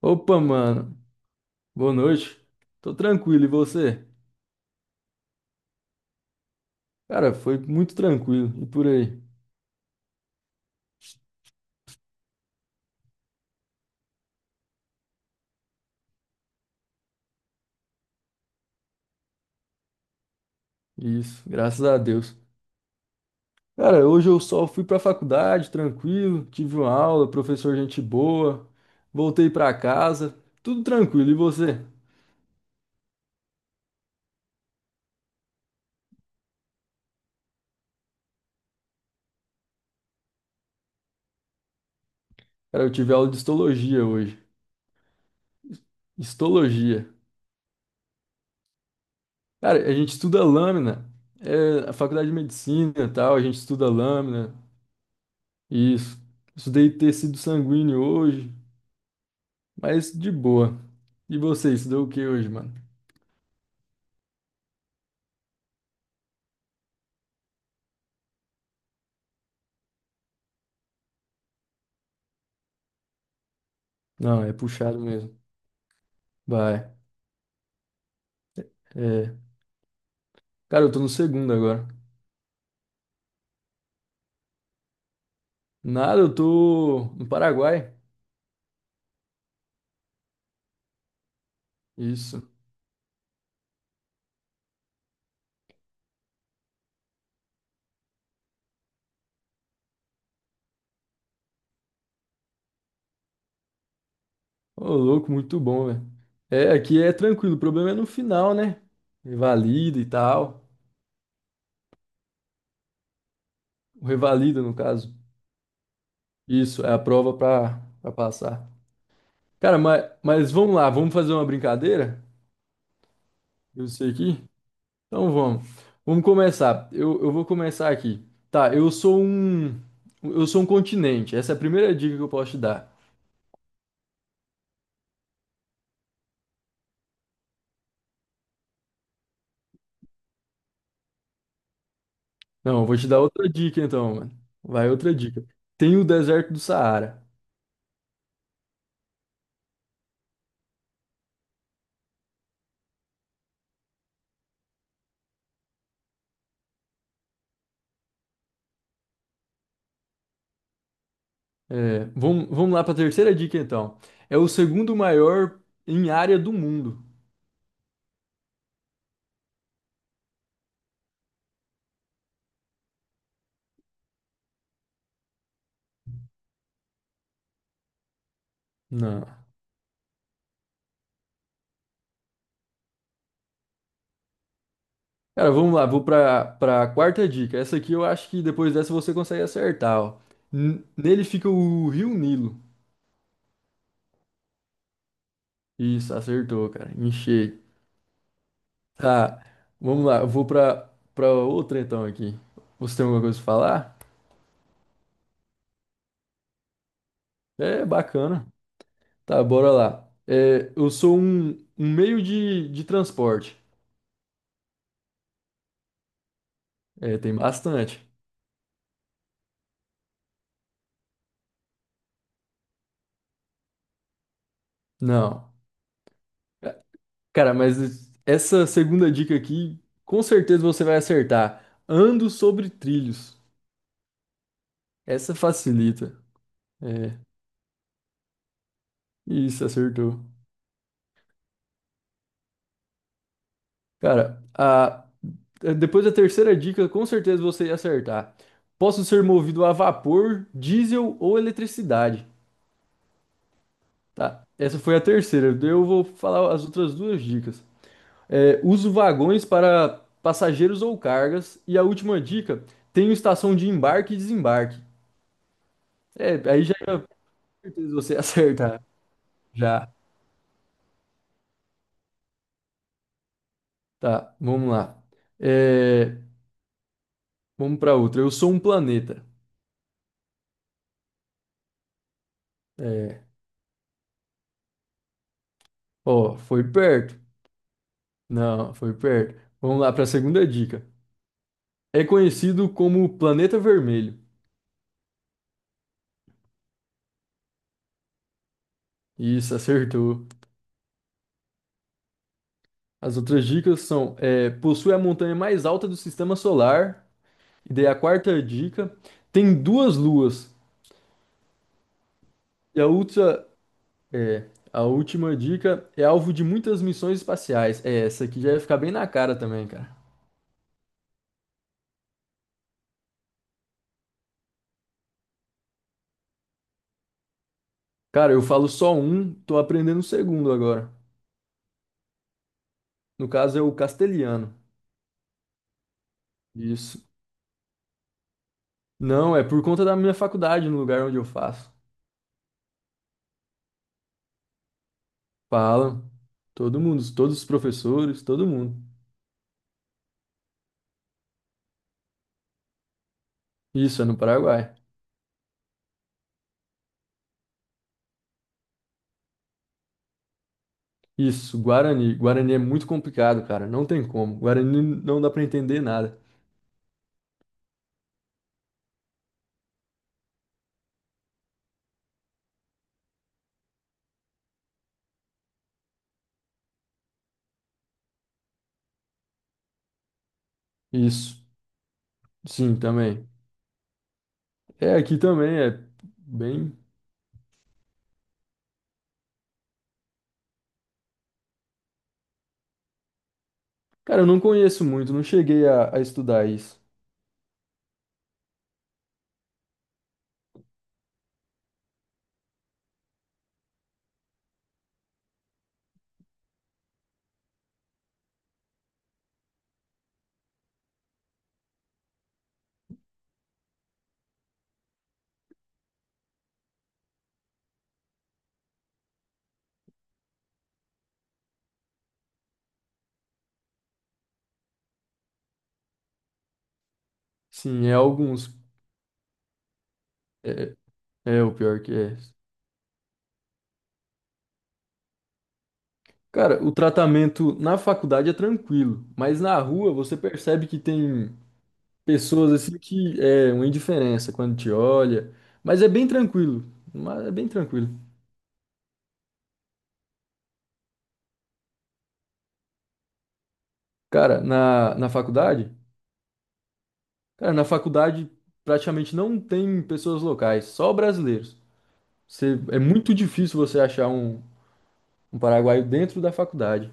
Opa, mano. Boa noite. Tô tranquilo, e você? Cara, foi muito tranquilo. E por aí? Isso, graças a Deus. Cara, hoje eu só fui pra faculdade, tranquilo, tive uma aula, professor gente boa, voltei pra casa, tudo tranquilo. E você? Cara, eu tive aula de histologia hoje. Histologia. Cara, a gente estuda lâmina. É, a faculdade de medicina e tal, a gente estuda lâmina. Isso. Estudei tecido sanguíneo hoje, mas de boa. E você, estudou o que hoje, mano? Não, é puxado mesmo. Vai. É. Cara, eu tô no segundo agora. Nada, eu tô no Paraguai. Isso. Ô, louco, muito bom, velho. É, aqui é tranquilo. O problema é no final, né? Revalida e tal. O revalida, no caso. Isso, é a prova pra passar. Cara, mas vamos lá, vamos fazer uma brincadeira? Eu sei aqui. Então vamos. Vamos começar. Eu vou começar aqui. Tá, eu sou um. Eu sou um continente. Essa é a primeira dica que eu posso te dar. Não, eu vou te dar outra dica então, mano. Vai outra dica. Tem o deserto do Saara. É, vamos lá para a terceira dica então. É o segundo maior em área do mundo. Não. Cara, vamos lá, vou para a quarta dica. Essa aqui eu acho que depois dessa você consegue acertar, ó. Nele fica o Rio Nilo. Isso, acertou, cara. Enchei. Tá, vamos lá. Eu vou pra outra então aqui. Você tem alguma coisa pra falar? É, bacana. Tá, bora lá. É, eu sou um, um meio de transporte. É, tem bastante. Não. Cara, mas essa segunda dica aqui, com certeza você vai acertar. Ando sobre trilhos. Essa facilita. É, isso, acertou. Cara, a, Depois da terceira dica, com certeza você ia acertar. Posso ser movido a vapor, diesel ou eletricidade. Tá, essa foi a terceira. Daí eu vou falar as outras duas dicas. É, uso vagões para passageiros ou cargas. E a última dica, tenho estação de embarque e desembarque. É, aí já é com certeza você ia acertar. Já. Tá, vamos lá. É, vamos para outra. Eu sou um planeta. É, ó, foi perto. Não, foi perto. Vamos lá para a segunda dica. É conhecido como Planeta Vermelho. Isso, acertou. As outras dicas são: é, possui a montanha mais alta do sistema solar. E daí a quarta dica: tem duas luas. E a outra, é, a última dica é alvo de muitas missões espaciais. É, essa aqui já ia ficar bem na cara também, cara. Cara, eu falo só um, tô aprendendo o segundo agora. No caso é o castelhano. Isso. Não, é por conta da minha faculdade, no lugar onde eu faço. Falam. Todo mundo, todos os professores, todo mundo. Isso, é no Paraguai. Isso, Guarani. Guarani é muito complicado, cara. Não tem como. Guarani não dá pra entender nada. Isso. Sim, também. É, aqui também é bem. Cara, eu não conheço muito, não cheguei a estudar isso. Sim, é alguns. É, é o pior que é. Cara, o tratamento na faculdade é tranquilo, mas na rua você percebe que tem pessoas assim que é uma indiferença quando te olha, mas é bem tranquilo, mas é bem tranquilo. Cara, na faculdade praticamente não tem pessoas locais, só brasileiros. Você, é muito difícil você achar um, um paraguaio dentro da faculdade.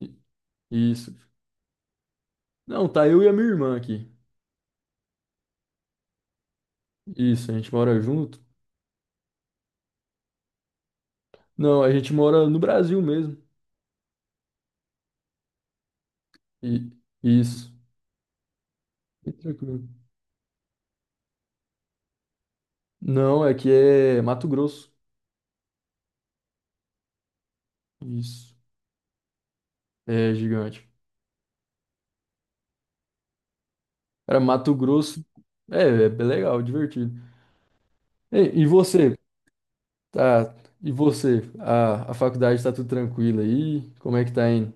I- Isso. Não, tá eu e a minha irmã aqui. Isso, a gente mora junto? Não, a gente mora no Brasil mesmo. E isso. Bem tranquilo. Não, é que é Mato Grosso. Isso. É gigante. Cara, Mato Grosso é, é bem legal, divertido. E, e você, tá? E você, a faculdade tá tudo tranquilo aí? Como é que tá indo?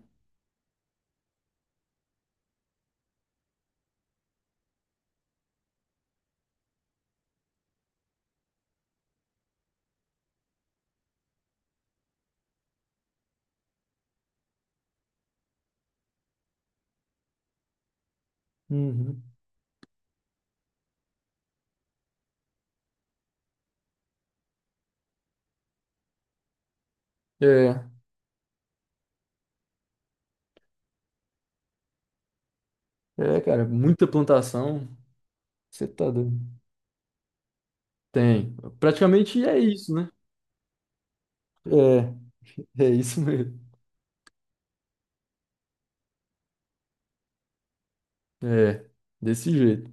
Uhum. É, cara, muita plantação. Você tá doido. Tem. Praticamente é isso, né? É, é isso mesmo. É, desse jeito.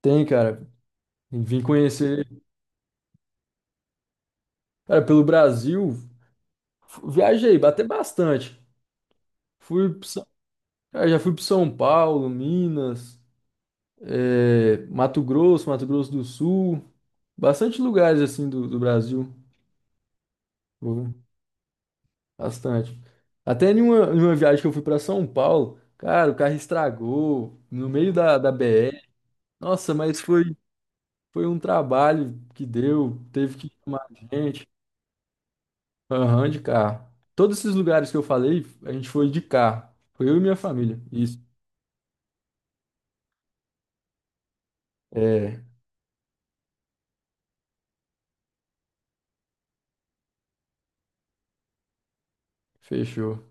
Tem, cara. Vim conhecer, cara, pelo Brasil. Viajei, até bastante. Fui, pro São- cara, já fui para São Paulo, Minas. É, Mato Grosso, Mato Grosso do Sul, bastante lugares assim do, do Brasil, vou- bastante. Até em uma viagem que eu fui para São Paulo, cara, o carro estragou no meio da, da BR. Nossa, mas foi, foi um trabalho que deu, teve que chamar gente, aham, de carro. Todos esses lugares que eu falei, a gente foi de carro. Foi eu e minha família. Isso. É, fechou.